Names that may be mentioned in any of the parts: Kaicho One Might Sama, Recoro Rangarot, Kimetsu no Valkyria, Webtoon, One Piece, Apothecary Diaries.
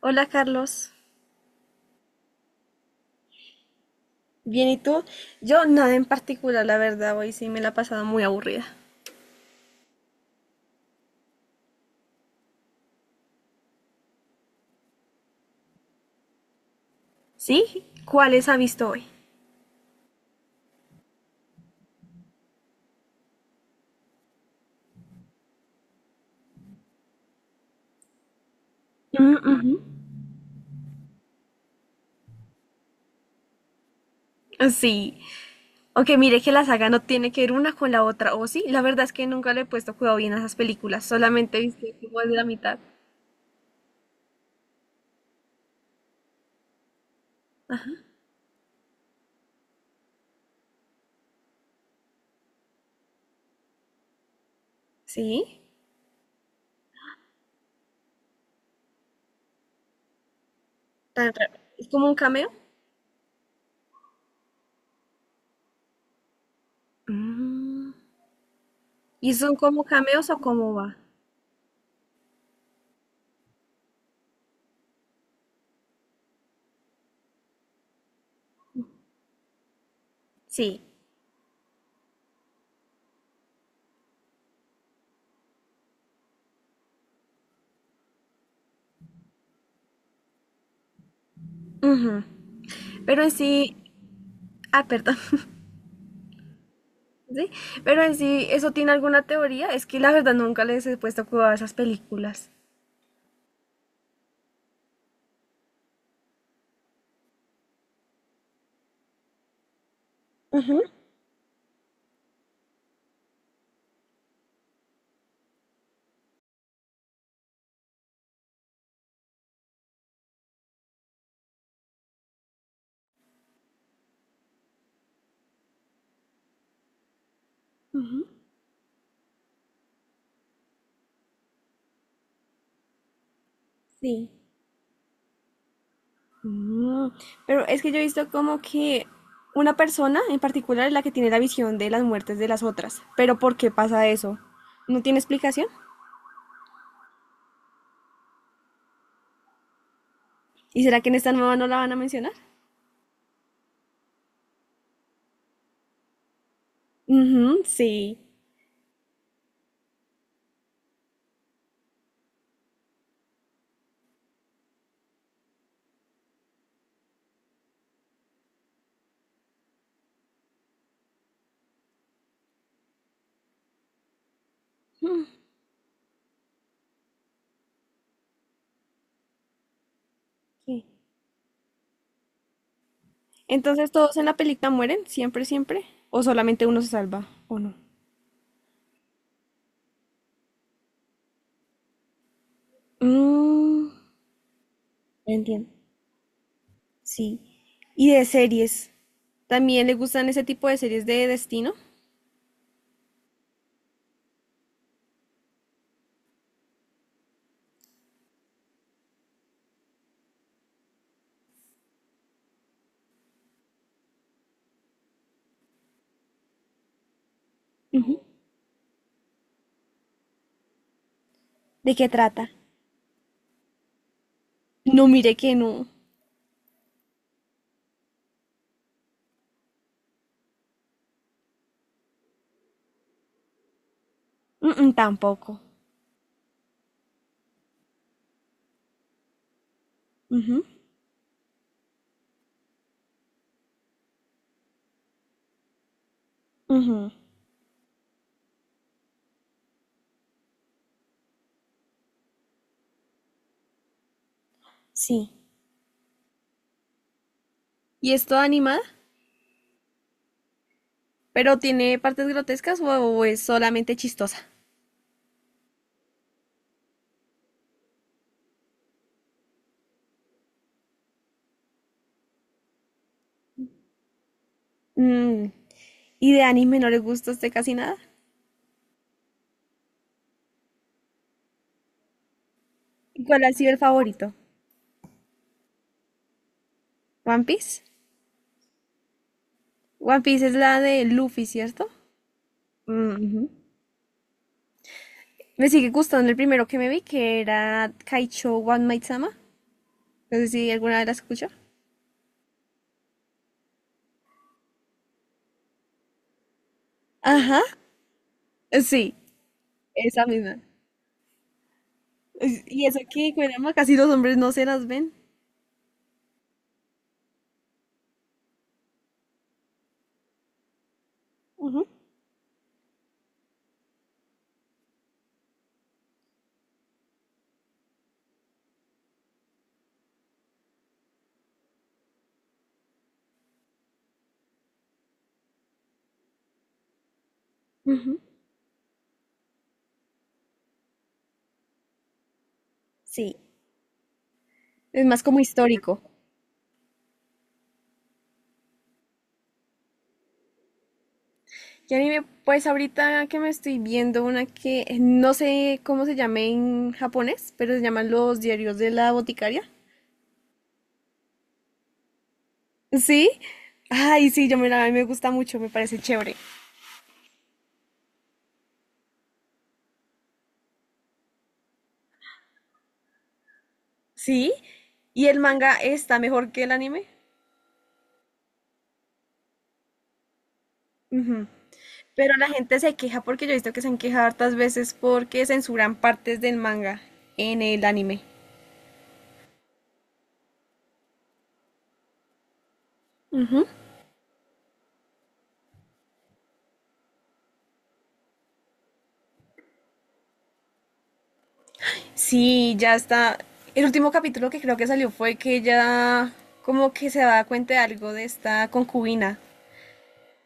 Hola Carlos, bien y tú? Yo nada en particular, la verdad, hoy sí me la he pasado muy aburrida. ¿Sí? ¿Cuáles ha visto hoy? Mm, ujú. Sí, aunque mire que la saga no tiene que ver una con la otra, o sí, la verdad es que nunca le he puesto cuidado bien a esas películas, solamente viste como de la mitad. ¿Sí? Tan raro. ¿Es como un cameo? Mm. ¿Y son como cameos o cómo va? Sí. Ujú. Pero en sí, ah, perdón. Sí, pero en sí, ¿eso tiene alguna teoría? Es que la verdad nunca les he puesto cuidado a esas películas. Sí. Mm. Pero es que yo he visto como que una persona en particular es la que tiene la visión de las muertes de las otras. Pero ¿por qué pasa eso? ¿No tiene explicación? ¿Y será que en esta nueva no la van a mencionar? Ujú, sí. Mm, sí. Entonces todos en la película mueren, siempre, siempre. ¿O solamente uno se salva? ¿O no? Mm, entiendo. Sí. Y de series. ¿También le gustan ese tipo de series de destino? Ujú. ¿De qué trata? No, mire que no. Mm, mm, tampoco. Ujú. Ujú, sí. ¿Y es toda animada? ¿Pero tiene partes grotescas o es solamente chistosa? Mm, ¿Y de anime no le gusta a usted casi nada? ¿Y cuál ha sido el favorito? ¿One Piece? One Piece es la de Luffy, ¿cierto? Mm, ujú. Me sigue gustando el primero que me vi, que era Kaicho One Might Sama. No sé si alguna vez la escuchó. Ajá. Sí, esa misma. Y eso que, caramba, casi los hombres no se las ven. Ujú. Ujú. Sí. Es más como histórico. Y anime, pues ahorita que me estoy viendo una que no sé cómo se llame en japonés, pero se llaman los diarios de la boticaria. Sí. Ay, sí, yo me la, a mí me gusta mucho, me parece chévere. ¿Sí? ¿Y el manga está mejor que el anime? Ujú. Pero la gente se queja porque yo he visto que se han quejado hartas veces porque censuran partes del manga en el anime. Ujú. Sí, ya está. El último capítulo que creo que salió fue que ella como que se da cuenta de algo de esta concubina,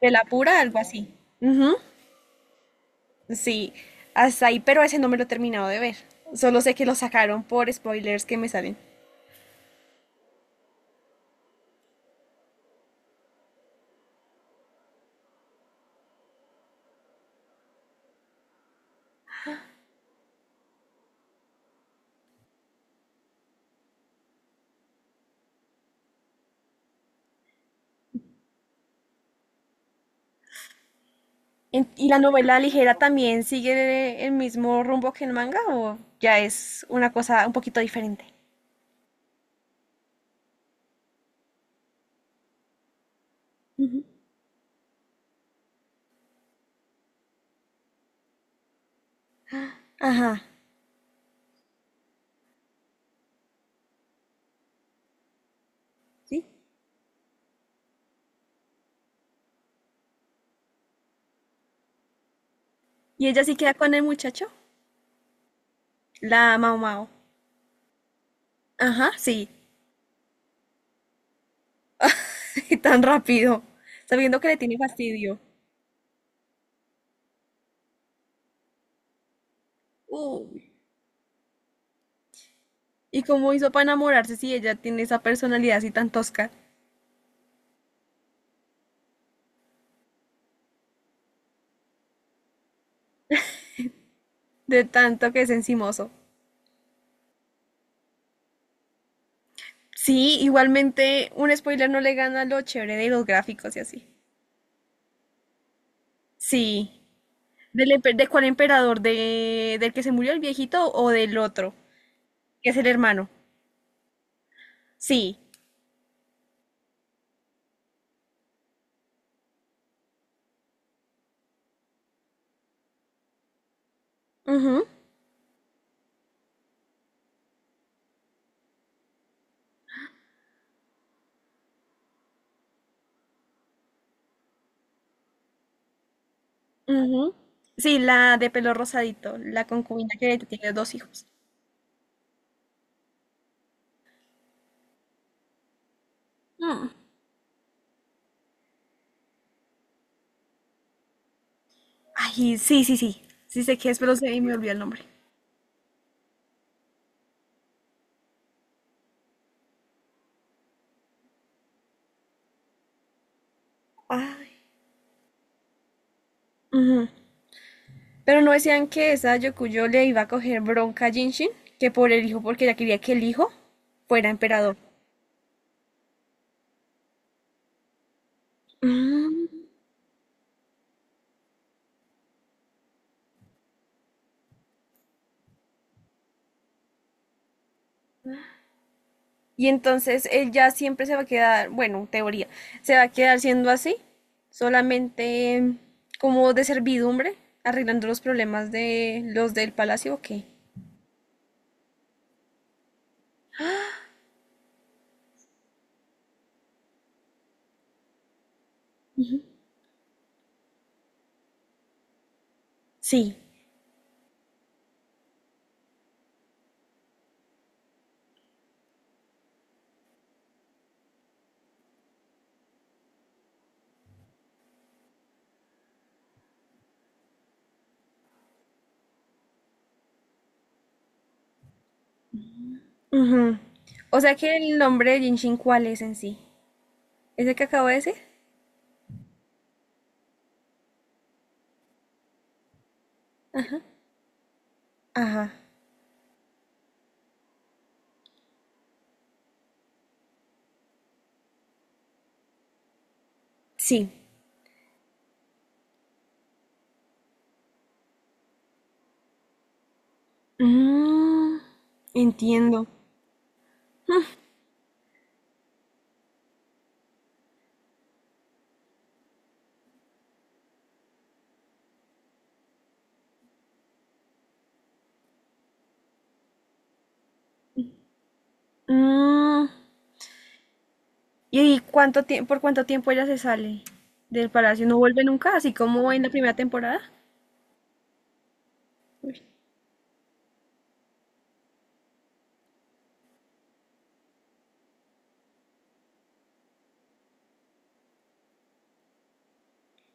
de la pura, algo así. Ujú, sí, hasta ahí, pero ese no me lo he terminado de ver. Solo sé que lo sacaron por spoilers que me salen. ¿Y la novela ligera también sigue el mismo rumbo que el manga o ya es una cosa un poquito diferente? Ajá, sí. Y ella sí queda con el muchacho, la Mao Mao. Ajá, sí. Tan rápido, sabiendo que le tiene fastidio. Uy. ¿Y cómo hizo para enamorarse si ella tiene esa personalidad así tan tosca, de tanto que es encimoso? Sí, igualmente un spoiler no le gana lo chévere de los gráficos y así. Sí. De cuál emperador? ¿De, del que se murió el viejito o del otro? Que es el hermano. Sí. Ujú. Ujú. Sí, la de pelo rosadito, la concubina que ahorita tiene dos hijos. Mm. Ay, sí, sí, sí. Sí sé que es, pero se me olvidó el nombre. Ay. Ujú. Pero no decían que esa Yokuyo le iba a coger bronca a Jinshin, que por el hijo, porque ella quería que el hijo fuera emperador. Mm. Y entonces él ya siempre se va a quedar, bueno, teoría, se va a quedar siendo así, solamente como de servidumbre, arreglando los problemas de los del palacio, ¿o qué? Sí. Ujú. O sea que el nombre de Genshin, ¿cuál es en sí? ¿Es el que acabo de decir? Ajá. Sí. Mm, entiendo. Mm, ¿Y cuánto tiempo, por cuánto tiempo ella se sale del palacio? ¿No vuelve nunca? Así como en la primera temporada.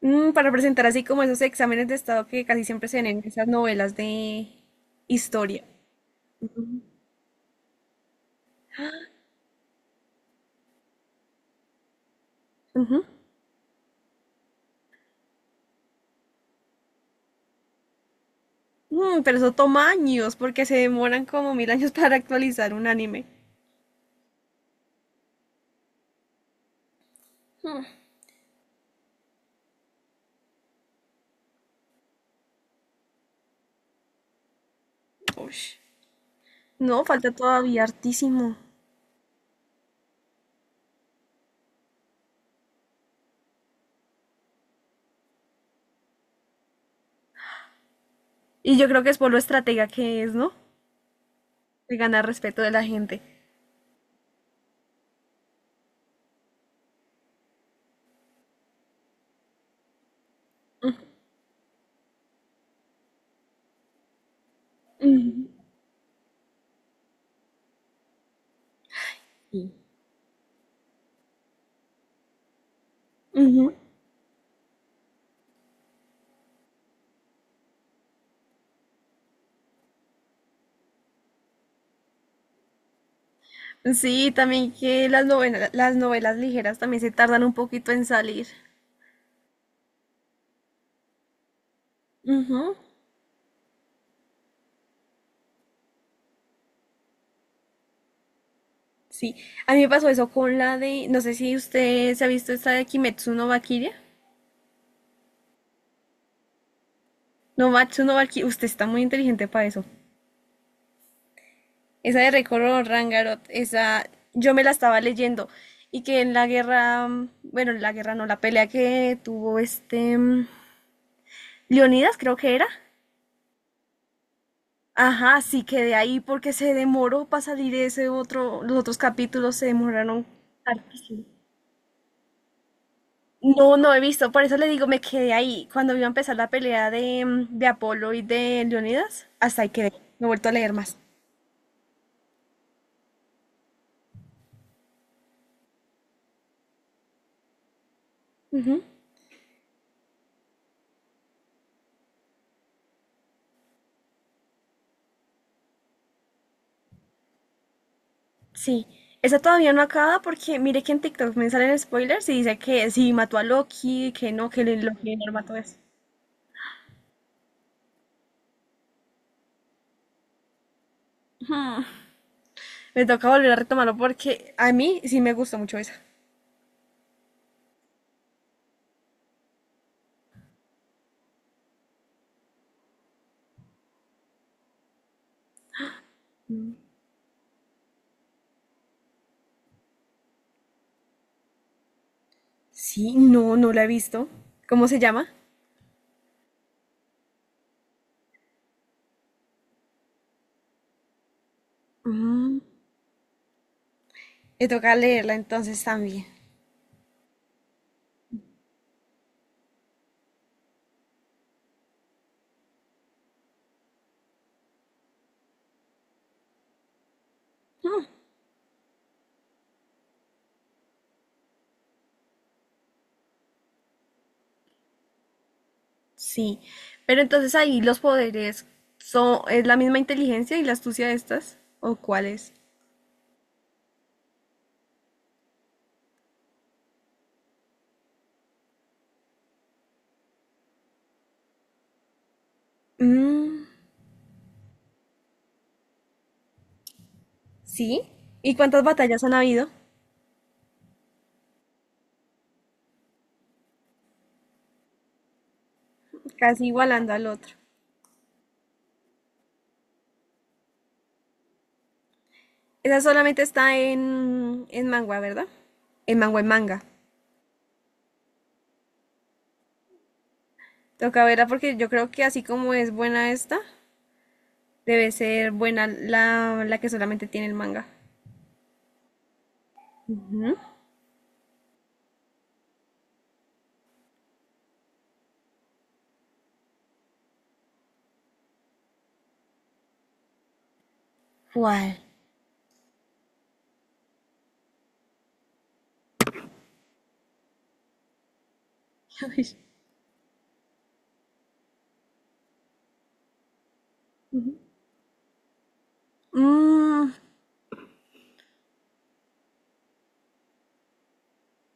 Para presentar así como esos exámenes de estado que casi siempre se ven en esas novelas de historia. Ujú. Ujú. Pero eso toma años porque se demoran como mil años para actualizar un anime. Ush. No, falta todavía hartísimo. Y yo creo que es por lo estratega que es, ¿no? De ganar respeto de la gente. Ujú. Sí, también que las novelas ligeras también se tardan un poquito en salir. Ujú, sí, a mí me pasó eso con la de, no sé si usted se ha visto esta de Kimetsu no Valkyria. No, Matsu no Valkyria, usted está muy inteligente para eso. Esa de Recoro Rangarot, esa yo me la estaba leyendo y que en la guerra, bueno, en la guerra no, la pelea que tuvo este Leonidas creo que era. Ajá, sí quedé ahí porque se demoró para salir ese otro, los otros capítulos se demoraron hartísimo. No, no he visto, por eso le digo, me quedé ahí. Cuando iba a empezar la pelea de, de Apolo y de Leonidas, hasta ahí quedé. No he vuelto a leer más. Ujú, sí, esa todavía no acaba porque mire que en TikTok me salen spoilers y dice que sí mató a Loki, que no, Loki no lo mató eso. Me toca volver a retomarlo porque a mí sí me gustó mucho esa. Sí, no, no la he visto. ¿Cómo se llama? Mm, me toca leerla entonces también. Sí, pero entonces ahí los poderes son, es la misma inteligencia y la astucia de estas, ¿o cuáles? Es? Mm, sí. ¿Y cuántas batallas han habido? Casi igualando al otro. Esa solamente está en manga, ¿verdad? En manga, en manga. Toca verla porque yo creo que así como es buena esta, debe ser buena la, la que solamente tiene el manga. Ujú. ¿Cuál? Mm,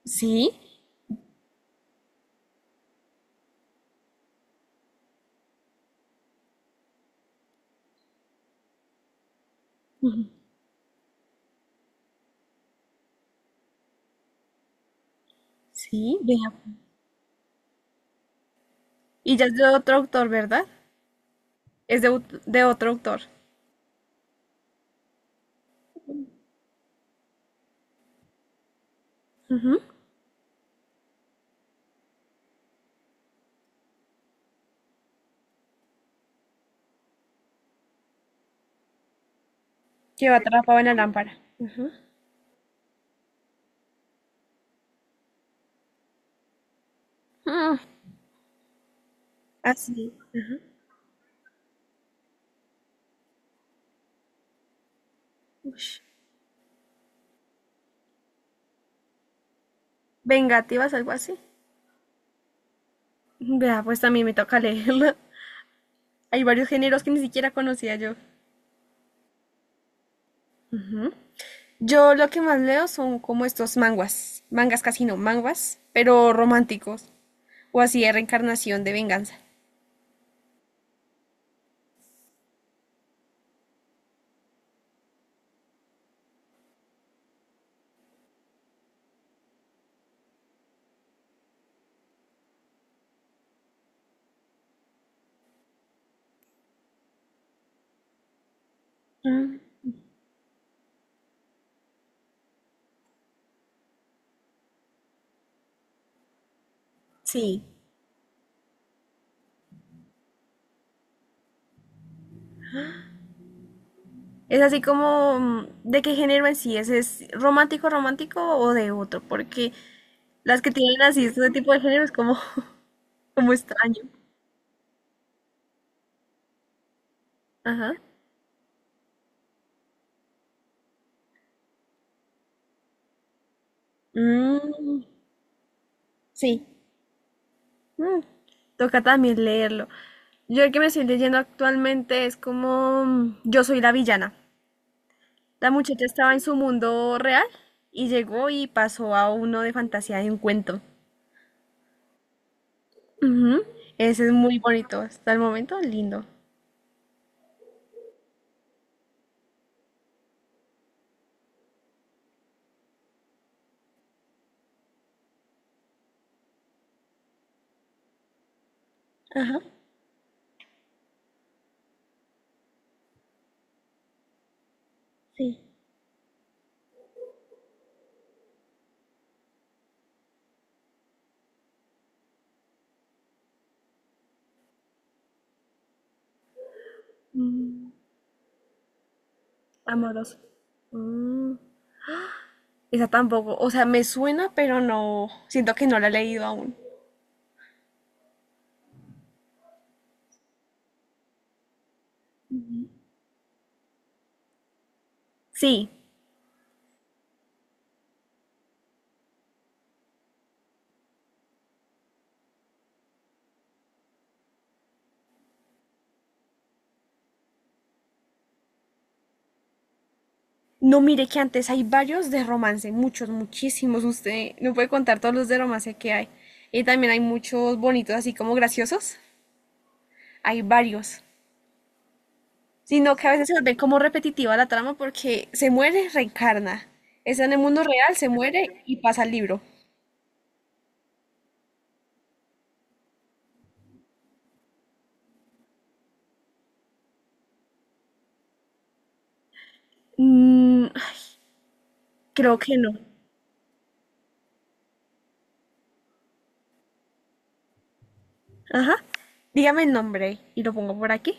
sí, sí, vea. Y ya es de otro autor, ¿verdad? Es de, de otro autor. Ujú. Que va atrapado en la lámpara. Mm, así. Ush. Vengativas, algo así. Vea, pues también me toca leerlo. Hay varios géneros que ni siquiera conocía yo. Yo lo que más leo son como estos manguas. Mangas casi no, manguas, pero románticos. O así de reencarnación de venganza. Mm, sí. Es así como, ¿de qué género en sí es? ¿Es romántico, romántico o de otro? Porque las que tienen así este tipo de género es como, como extraño. Ajá. Mm, sí. Mm, Toca también leerlo. Yo el que me estoy leyendo actualmente es como Yo soy la villana. La muchacha estaba en su mundo real y llegó y pasó a uno de fantasía de un cuento. Ujú. Ese es muy bonito. Hasta el momento, lindo. Ajá, sí. Amoroso. Mm, Esa tampoco, o sea, me suena, pero no, siento que no la he leído aún. Sí, no mire que antes hay varios de romance, muchos, muchísimos. Usted no puede contar todos los de romance que hay. Y también hay muchos bonitos, así como graciosos. Hay varios. Sino que a veces se vuelve como repetitiva la trama porque se muere, reencarna. Está en el mundo real, se muere y pasa al libro. Mm, creo que no. Ajá. Dígame el nombre y lo pongo por aquí.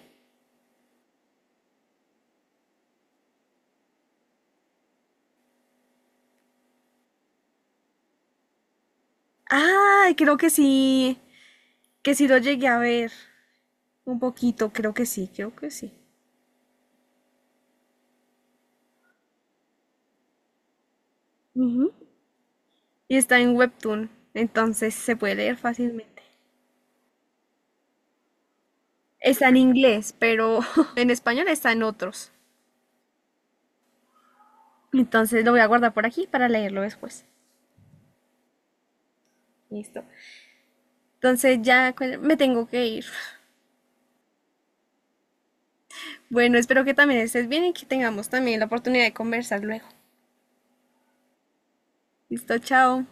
Ay, creo que sí lo llegué a ver un poquito, creo que sí, creo que sí. Ujú. Y está en Webtoon, entonces se puede leer fácilmente. Está en inglés, pero en español está en otros. Entonces lo voy a guardar por aquí para leerlo después. Listo. Entonces ya me tengo que ir. Bueno, espero que también estés bien y que tengamos también la oportunidad de conversar luego. Listo, chao.